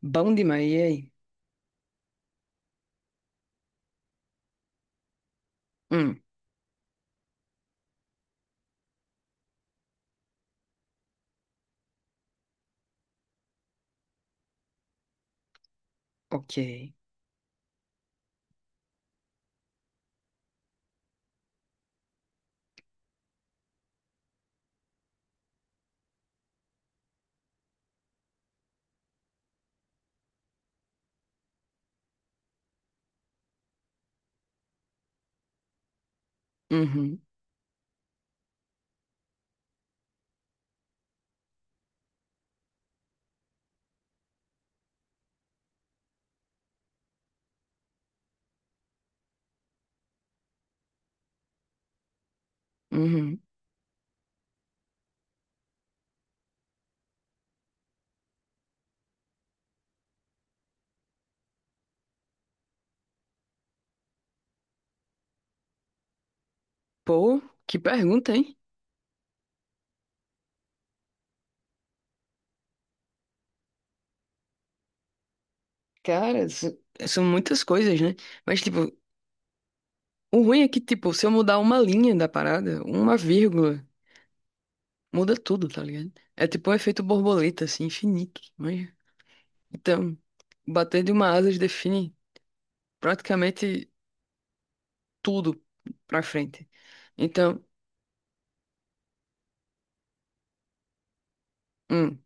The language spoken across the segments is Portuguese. Bom demais, e aí? Hum, ok. Uhum, uhum. Pô, que pergunta, hein? Cara, são muitas coisas, né? Mas, tipo, o ruim é que, tipo, se eu mudar uma linha da parada, uma vírgula, muda tudo, tá ligado? É tipo um efeito borboleta, assim, infinito. Mas então, bater de uma asa define praticamente tudo pra frente. Então, hum,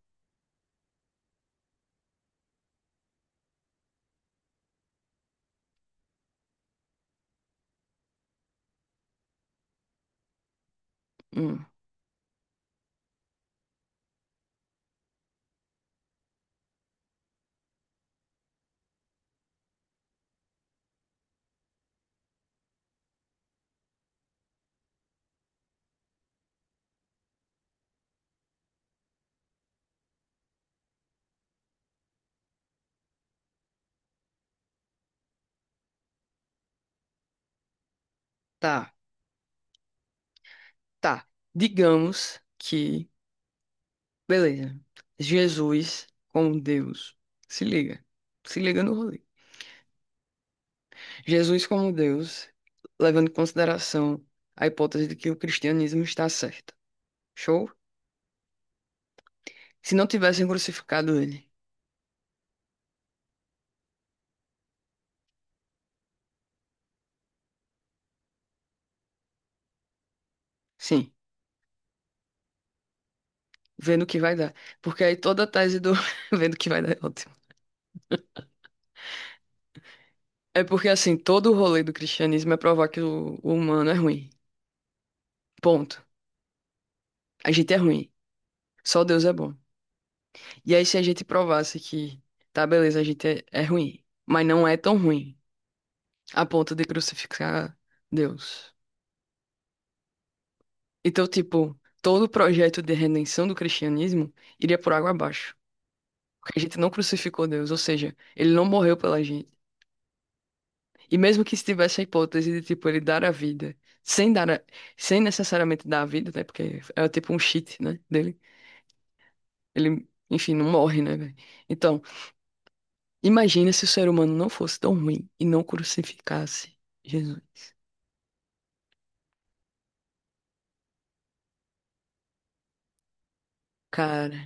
hum, tá, tá. Digamos que. Beleza. Jesus como Deus. Se liga. Se liga no rolê. Jesus como Deus, levando em consideração a hipótese de que o cristianismo está certo. Show? Se não tivessem crucificado ele. Sim, vendo o que vai dar. Porque aí toda a tese do vendo o que vai dar é ótimo. É porque assim, todo o rolê do cristianismo é provar que o humano é ruim. Ponto. A gente é ruim. Só Deus é bom. E aí se a gente provasse que, tá, beleza, a gente é ruim, mas não é tão ruim a ponto de crucificar Deus. Então, tipo, todo o projeto de redenção do cristianismo iria por água abaixo, porque a gente não crucificou Deus, ou seja, ele não morreu pela gente. E mesmo que estivesse a hipótese de, tipo, ele dar a vida, sem dar a- sem necessariamente dar a vida, né? Porque é, tipo, um cheat, né, dele. Ele, enfim, não morre, né, velho? Então, imagina se o ser humano não fosse tão ruim e não crucificasse Jesus. Cara,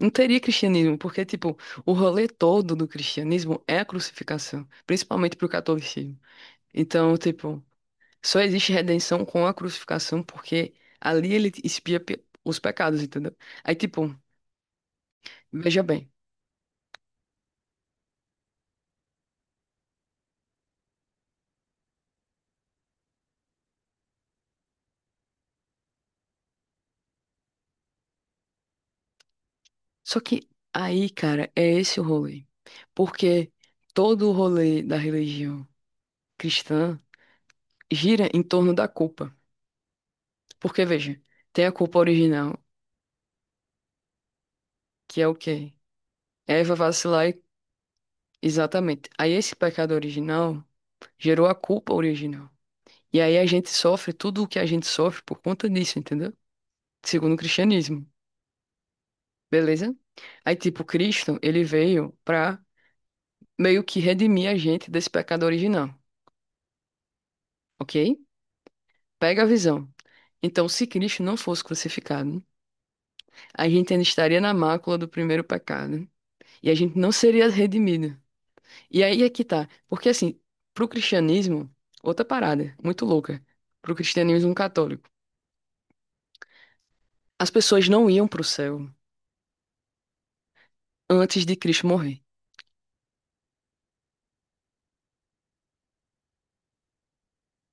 não teria cristianismo, porque, tipo, o rolê todo do cristianismo é a crucificação, principalmente pro catolicismo. Então, tipo, só existe redenção com a crucificação, porque ali ele expia os pecados, entendeu? Aí, tipo, veja bem. Só que aí, cara, é esse o rolê. Porque todo o rolê da religião cristã gira em torno da culpa. Porque, veja, tem a culpa original, que é o quê? É Eva vacilar e. Exatamente. Aí esse pecado original gerou a culpa original. E aí a gente sofre tudo o que a gente sofre por conta disso, entendeu? Segundo o cristianismo, beleza? Aí, tipo, Cristo, ele veio pra meio que redimir a gente desse pecado original, ok? Pega a visão. Então, se Cristo não fosse crucificado, a gente ainda estaria na mácula do primeiro pecado e a gente não seria redimido. E aí é que tá. Porque, assim, pro cristianismo, outra parada muito louca, pro cristianismo católico, as pessoas não iam pro céu antes de Cristo morrer.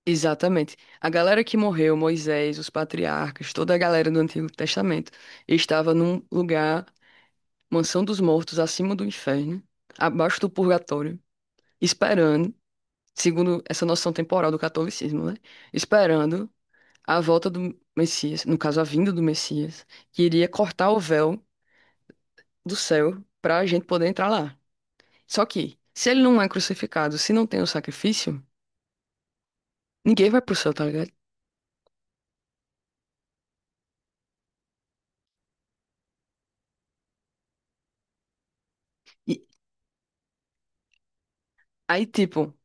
Exatamente. A galera que morreu, Moisés, os patriarcas, toda a galera do Antigo Testamento, estava num lugar, mansão dos mortos, acima do inferno, abaixo do purgatório, esperando, segundo essa noção temporal do catolicismo, né? Esperando a volta do Messias, no caso, a vinda do Messias, que iria cortar o véu do céu para a gente poder entrar lá. Só que, se ele não é crucificado, se não tem o sacrifício, ninguém vai pro céu, tá ligado? E aí, tipo.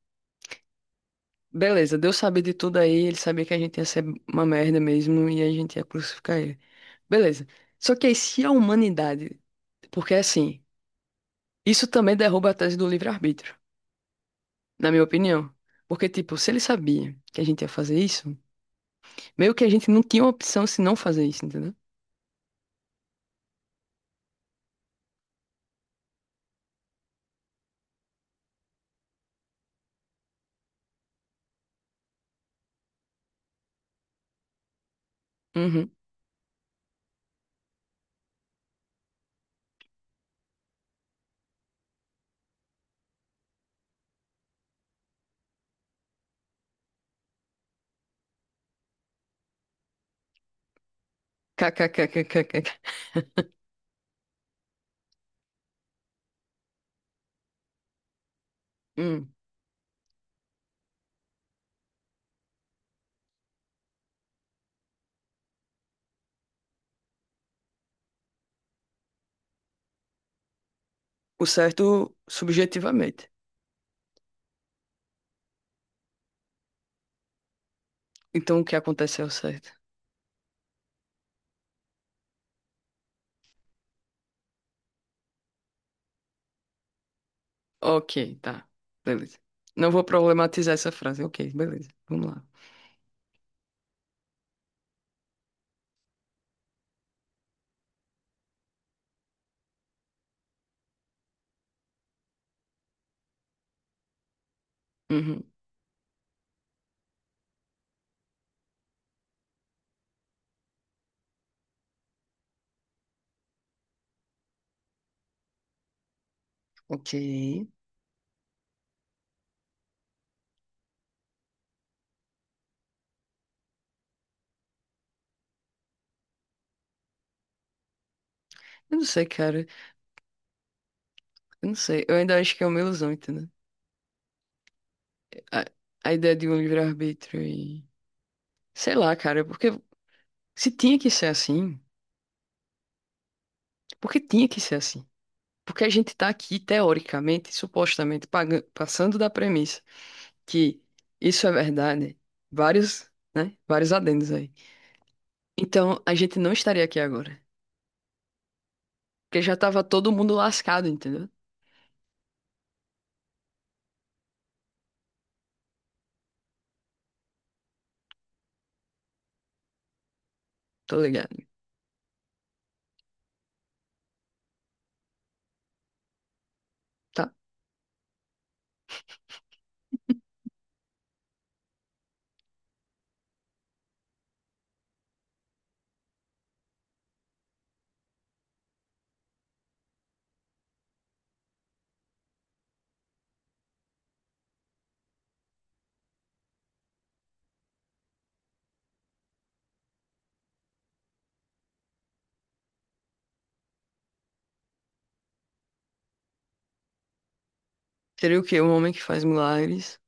Beleza, Deus sabia de tudo aí, ele sabia que a gente ia ser uma merda mesmo e a gente ia crucificar ele. Beleza. Só que aí, se a humanidade. Porque assim, isso também derruba a tese do livre-arbítrio, na minha opinião. Porque, tipo, se ele sabia que a gente ia fazer isso, meio que a gente não tinha opção se não fazer isso, entendeu? Uhum. KKKKKK. Hum. O certo subjetivamente. Então o que acontece é o certo. Ok, tá. Beleza. Não vou problematizar essa frase. Ok, beleza. Vamos lá. Uhum. Ok. Eu não sei, cara. Eu não sei. Eu ainda acho que é uma ilusão, entendeu? A, a ideia de um livre-arbítrio e. Sei lá, cara, porque se tinha que ser assim, porque tinha que ser assim. Porque a gente tá aqui, teoricamente, supostamente, passando da premissa que isso é verdade, vários, né? Vários adendos aí. Então, a gente não estaria aqui agora. Porque já tava todo mundo lascado, entendeu? Tô ligado, tá? Seria o quê? Um homem que faz milagres.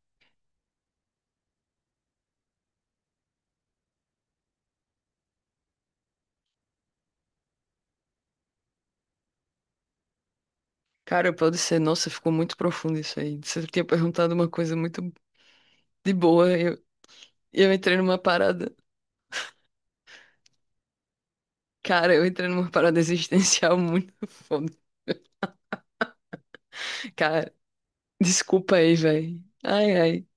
Cara, pode ser. Nossa, ficou muito profundo isso aí. Você tinha perguntado uma coisa muito de boa. Eu entrei numa parada. Cara, eu entrei numa parada existencial muito foda. Cara, desculpa aí, velho. Ai, ai.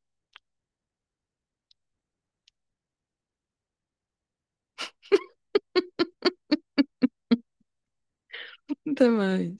Até mais.